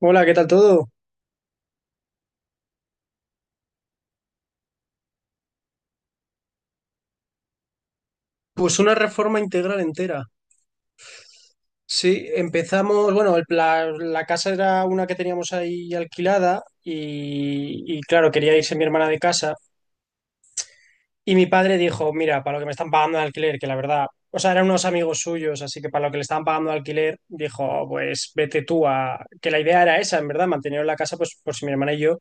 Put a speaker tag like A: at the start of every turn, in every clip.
A: Hola, ¿qué tal todo? Pues una reforma integral entera. Sí, empezamos, bueno, la casa era una que teníamos ahí alquilada y, claro, quería irse mi hermana de casa y mi padre dijo, mira, para lo que me están pagando de alquiler, que la verdad, o sea, eran unos amigos suyos, así que para lo que le estaban pagando de alquiler, dijo, pues que la idea era esa, en verdad, mantener la casa, pues por si mi hermana y yo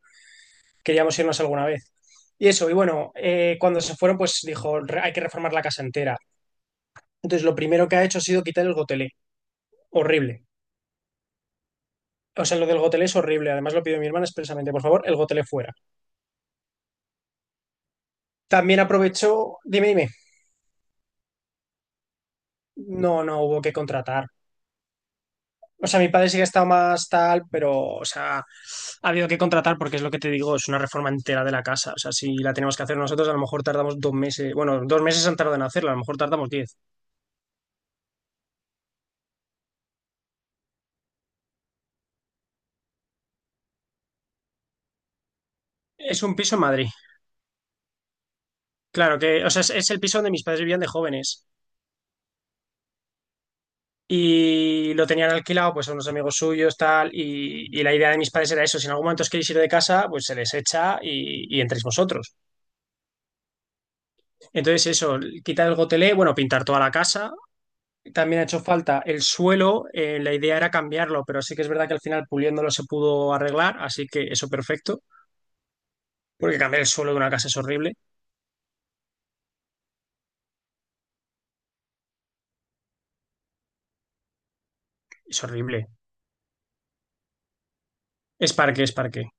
A: queríamos irnos alguna vez. Y eso, y bueno, cuando se fueron, pues dijo, "Hay que reformar la casa entera." Entonces, lo primero que ha hecho ha sido quitar el gotelé. Horrible. O sea, lo del gotelé es horrible. Además, lo pidió mi hermana expresamente. Por favor, el gotelé fuera. También aprovechó. Dime, dime. No, no hubo que contratar. O sea, mi padre sí que ha estado más tal, pero, o sea, ha habido que contratar porque es lo que te digo, es una reforma entera de la casa. O sea, si la tenemos que hacer nosotros, a lo mejor tardamos 2 meses. Bueno, 2 meses han tardado en hacerla, a lo mejor tardamos 10. Es un piso en Madrid. Claro que, o sea, es el piso donde mis padres vivían de jóvenes. Y lo tenían alquilado pues a unos amigos suyos, tal, y la idea de mis padres era eso, si en algún momento os queréis ir de casa, pues se les echa y entréis vosotros. Entonces eso, quitar el gotelé, bueno, pintar toda la casa, también ha hecho falta el suelo, la idea era cambiarlo, pero sí que es verdad que al final puliéndolo se pudo arreglar, así que eso perfecto, porque cambiar el suelo de una casa es horrible, es horrible, es parque, es parque,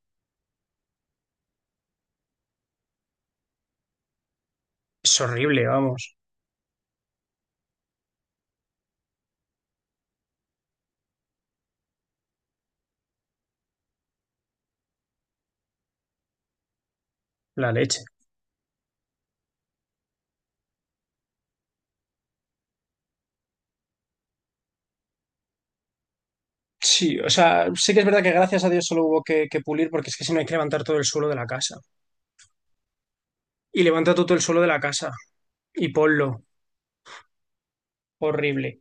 A: es horrible, vamos, la leche. Sí, o sea, sí que es verdad que gracias a Dios solo hubo que pulir porque es que si no hay que levantar todo el suelo de la casa. Y levanta todo el suelo de la casa y ponlo. Horrible.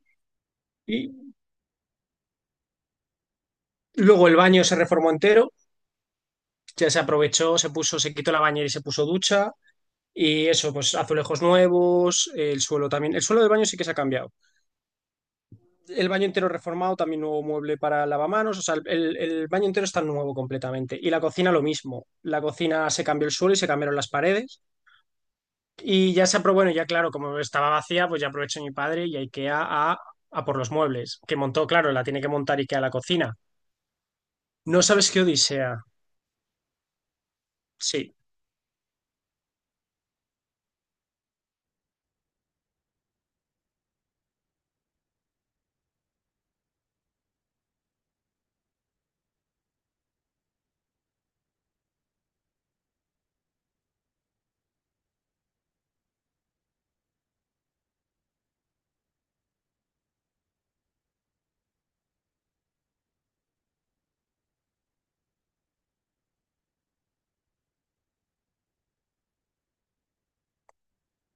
A: Y luego el baño se reformó entero, ya se aprovechó, se puso, se quitó la bañera y se puso ducha. Y eso, pues azulejos nuevos, el suelo también. El suelo del baño sí que se ha cambiado. El baño entero reformado, también nuevo mueble para lavamanos. O sea, el baño entero está nuevo completamente. Y la cocina lo mismo. La cocina se cambió el suelo y se cambiaron las paredes. Y ya se aprobó, bueno, ya claro, como estaba vacía, pues ya aprovechó mi padre y a IKEA a por los muebles. Que montó, claro, la tiene que montar IKEA a la cocina. No sabes qué odisea. Sí.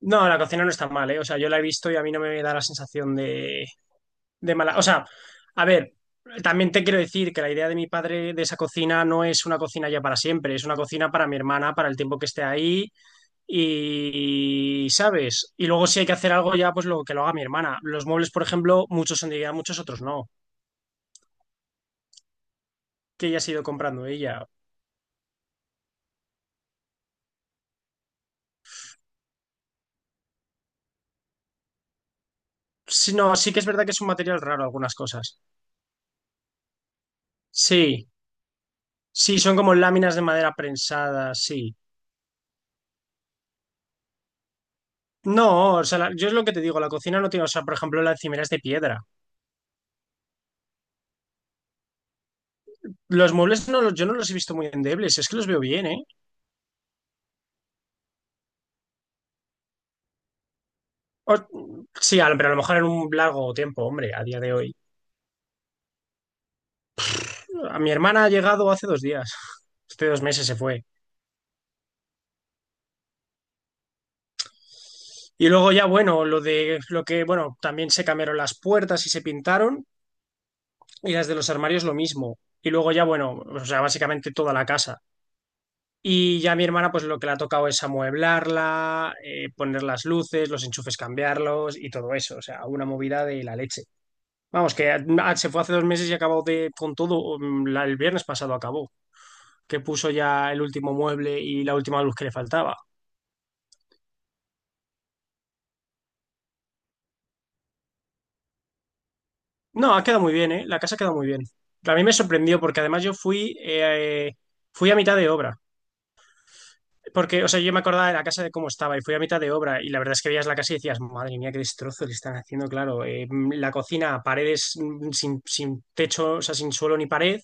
A: No, la cocina no está mal, ¿eh? O sea, yo la he visto y a mí no me da la sensación de mala. O sea, a ver, también te quiero decir que la idea de mi padre de esa cocina no es una cocina ya para siempre, es una cocina para mi hermana, para el tiempo que esté ahí y, ¿sabes? Y luego si hay que hacer algo ya, pues lo que lo haga mi hermana. Los muebles, por ejemplo, muchos son de Ikea, muchos otros no, que ella ha ido comprando ella. Sí, no, sí que es verdad que es un material raro algunas cosas. Sí, sí, son como láminas de madera prensadas, sí. No, o sea, yo es lo que te digo, la cocina no tiene, o sea, por ejemplo, la encimera es de piedra. Los muebles no los, yo no los he visto muy endebles, es que los veo bien, ¿eh? O- sí, pero a lo mejor en un largo tiempo, hombre, a día de hoy. A mi hermana ha llegado hace 2 días, hace 2 meses se fue. Y luego ya, bueno, lo de lo que, bueno, también se cambiaron las puertas y se pintaron, y las de los armarios lo mismo. Y luego ya, bueno, o sea, básicamente toda la casa. Y ya mi hermana, pues lo que le ha tocado es amueblarla, poner las luces, los enchufes cambiarlos y todo eso. O sea, una movida de la leche. Vamos, que se fue hace 2 meses y acabó de, con todo. El viernes pasado acabó, que puso ya el último mueble y la última luz que le faltaba. No, ha quedado muy bien, ¿eh? La casa ha quedado muy bien. A mí me sorprendió porque además yo fui a mitad de obra. Porque, o sea, yo me acordaba de la casa de cómo estaba y fui a mitad de obra y la verdad es que veías la casa y decías, madre mía, qué destrozo le están haciendo, claro. La cocina, paredes sin techo, o sea, sin suelo ni pared,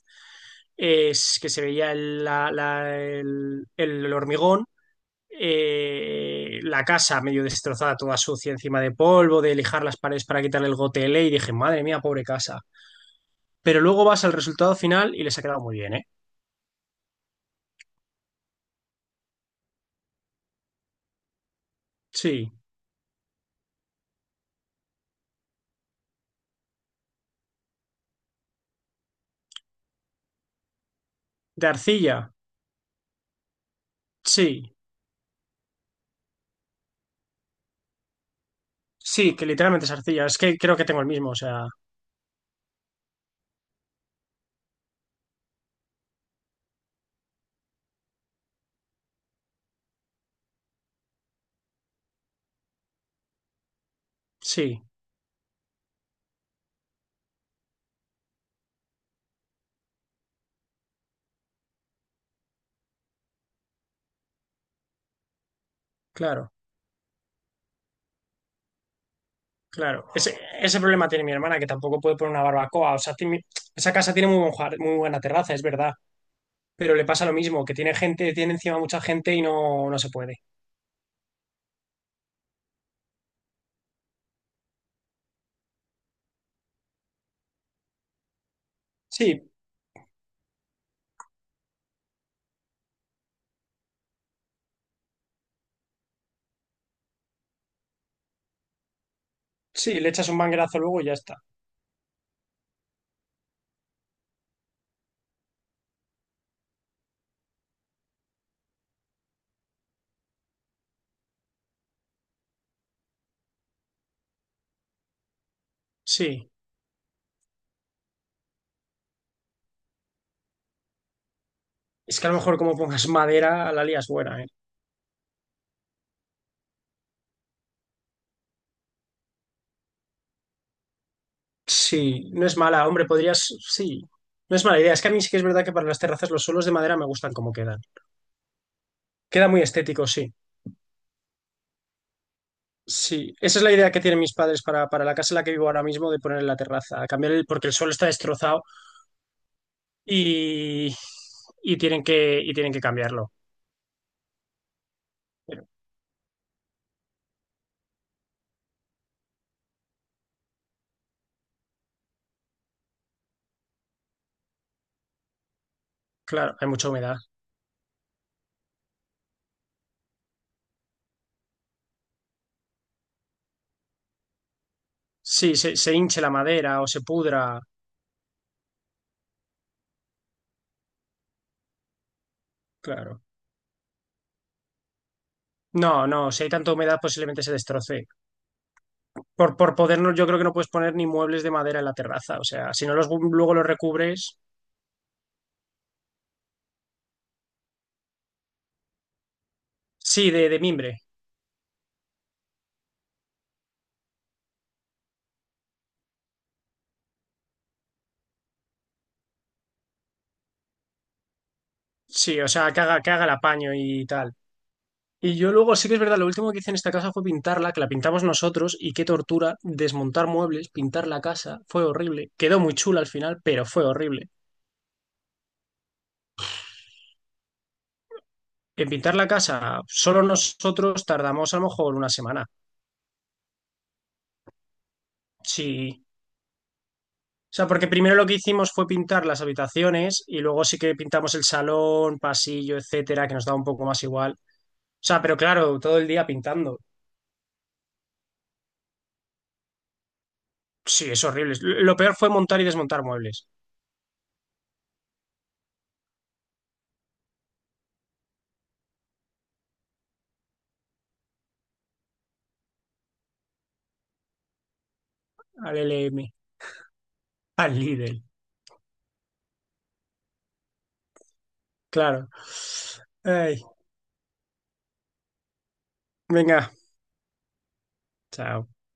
A: es que se veía el hormigón, la casa medio destrozada, toda sucia encima de polvo, de lijar las paredes para quitarle el gotele y dije, madre mía, pobre casa. Pero luego vas al resultado final y les ha quedado muy bien, ¿eh? Sí. De arcilla, sí. Sí, que literalmente es arcilla. Es que creo que tengo el mismo, o sea, sí, claro, claro. Ese problema tiene mi hermana, que tampoco puede poner una barbacoa. O sea, esa casa tiene muy buen muy buena terraza, es verdad. Pero le pasa lo mismo, que tiene gente, tiene encima mucha gente y no, no se puede. Sí, sí, le echas un manguerazo luego y ya está. Sí. Es que a lo mejor como pongas madera, la lías buena, ¿eh? Sí, no es mala, hombre, podrías. Sí. No es mala idea. Es que a mí sí que es verdad que para las terrazas los suelos de madera me gustan como quedan. Queda muy estético, sí. Sí, esa es la idea que tienen mis padres para la casa en la que vivo ahora mismo, de poner en la terraza, cambiar el, porque el suelo está destrozado y, y tienen que cambiarlo. Pero, claro, hay mucha humedad. Sí, se hinche la madera o se pudra, claro. No, no, si hay tanta humedad posiblemente se destroce. Por poder, yo creo que no puedes poner ni muebles de madera en la terraza, o sea, si no los luego los recubres, sí, de mimbre. Sí, o sea, que haga el apaño y tal. Y yo luego, sí que es verdad, lo último que hice en esta casa fue pintarla, que la pintamos nosotros, y qué tortura desmontar muebles, pintar la casa, fue horrible. Quedó muy chula al final, pero fue horrible. En pintar la casa, solo nosotros tardamos a lo mejor una semana. Sí. O sea, porque primero lo que hicimos fue pintar las habitaciones y luego sí que pintamos el salón, pasillo, etcétera, que nos daba un poco más igual. O sea, pero claro, todo el día pintando. Sí, es horrible. Lo peor fue montar y desmontar muebles. Al LM al Lidl, claro. Ay. Venga, chao.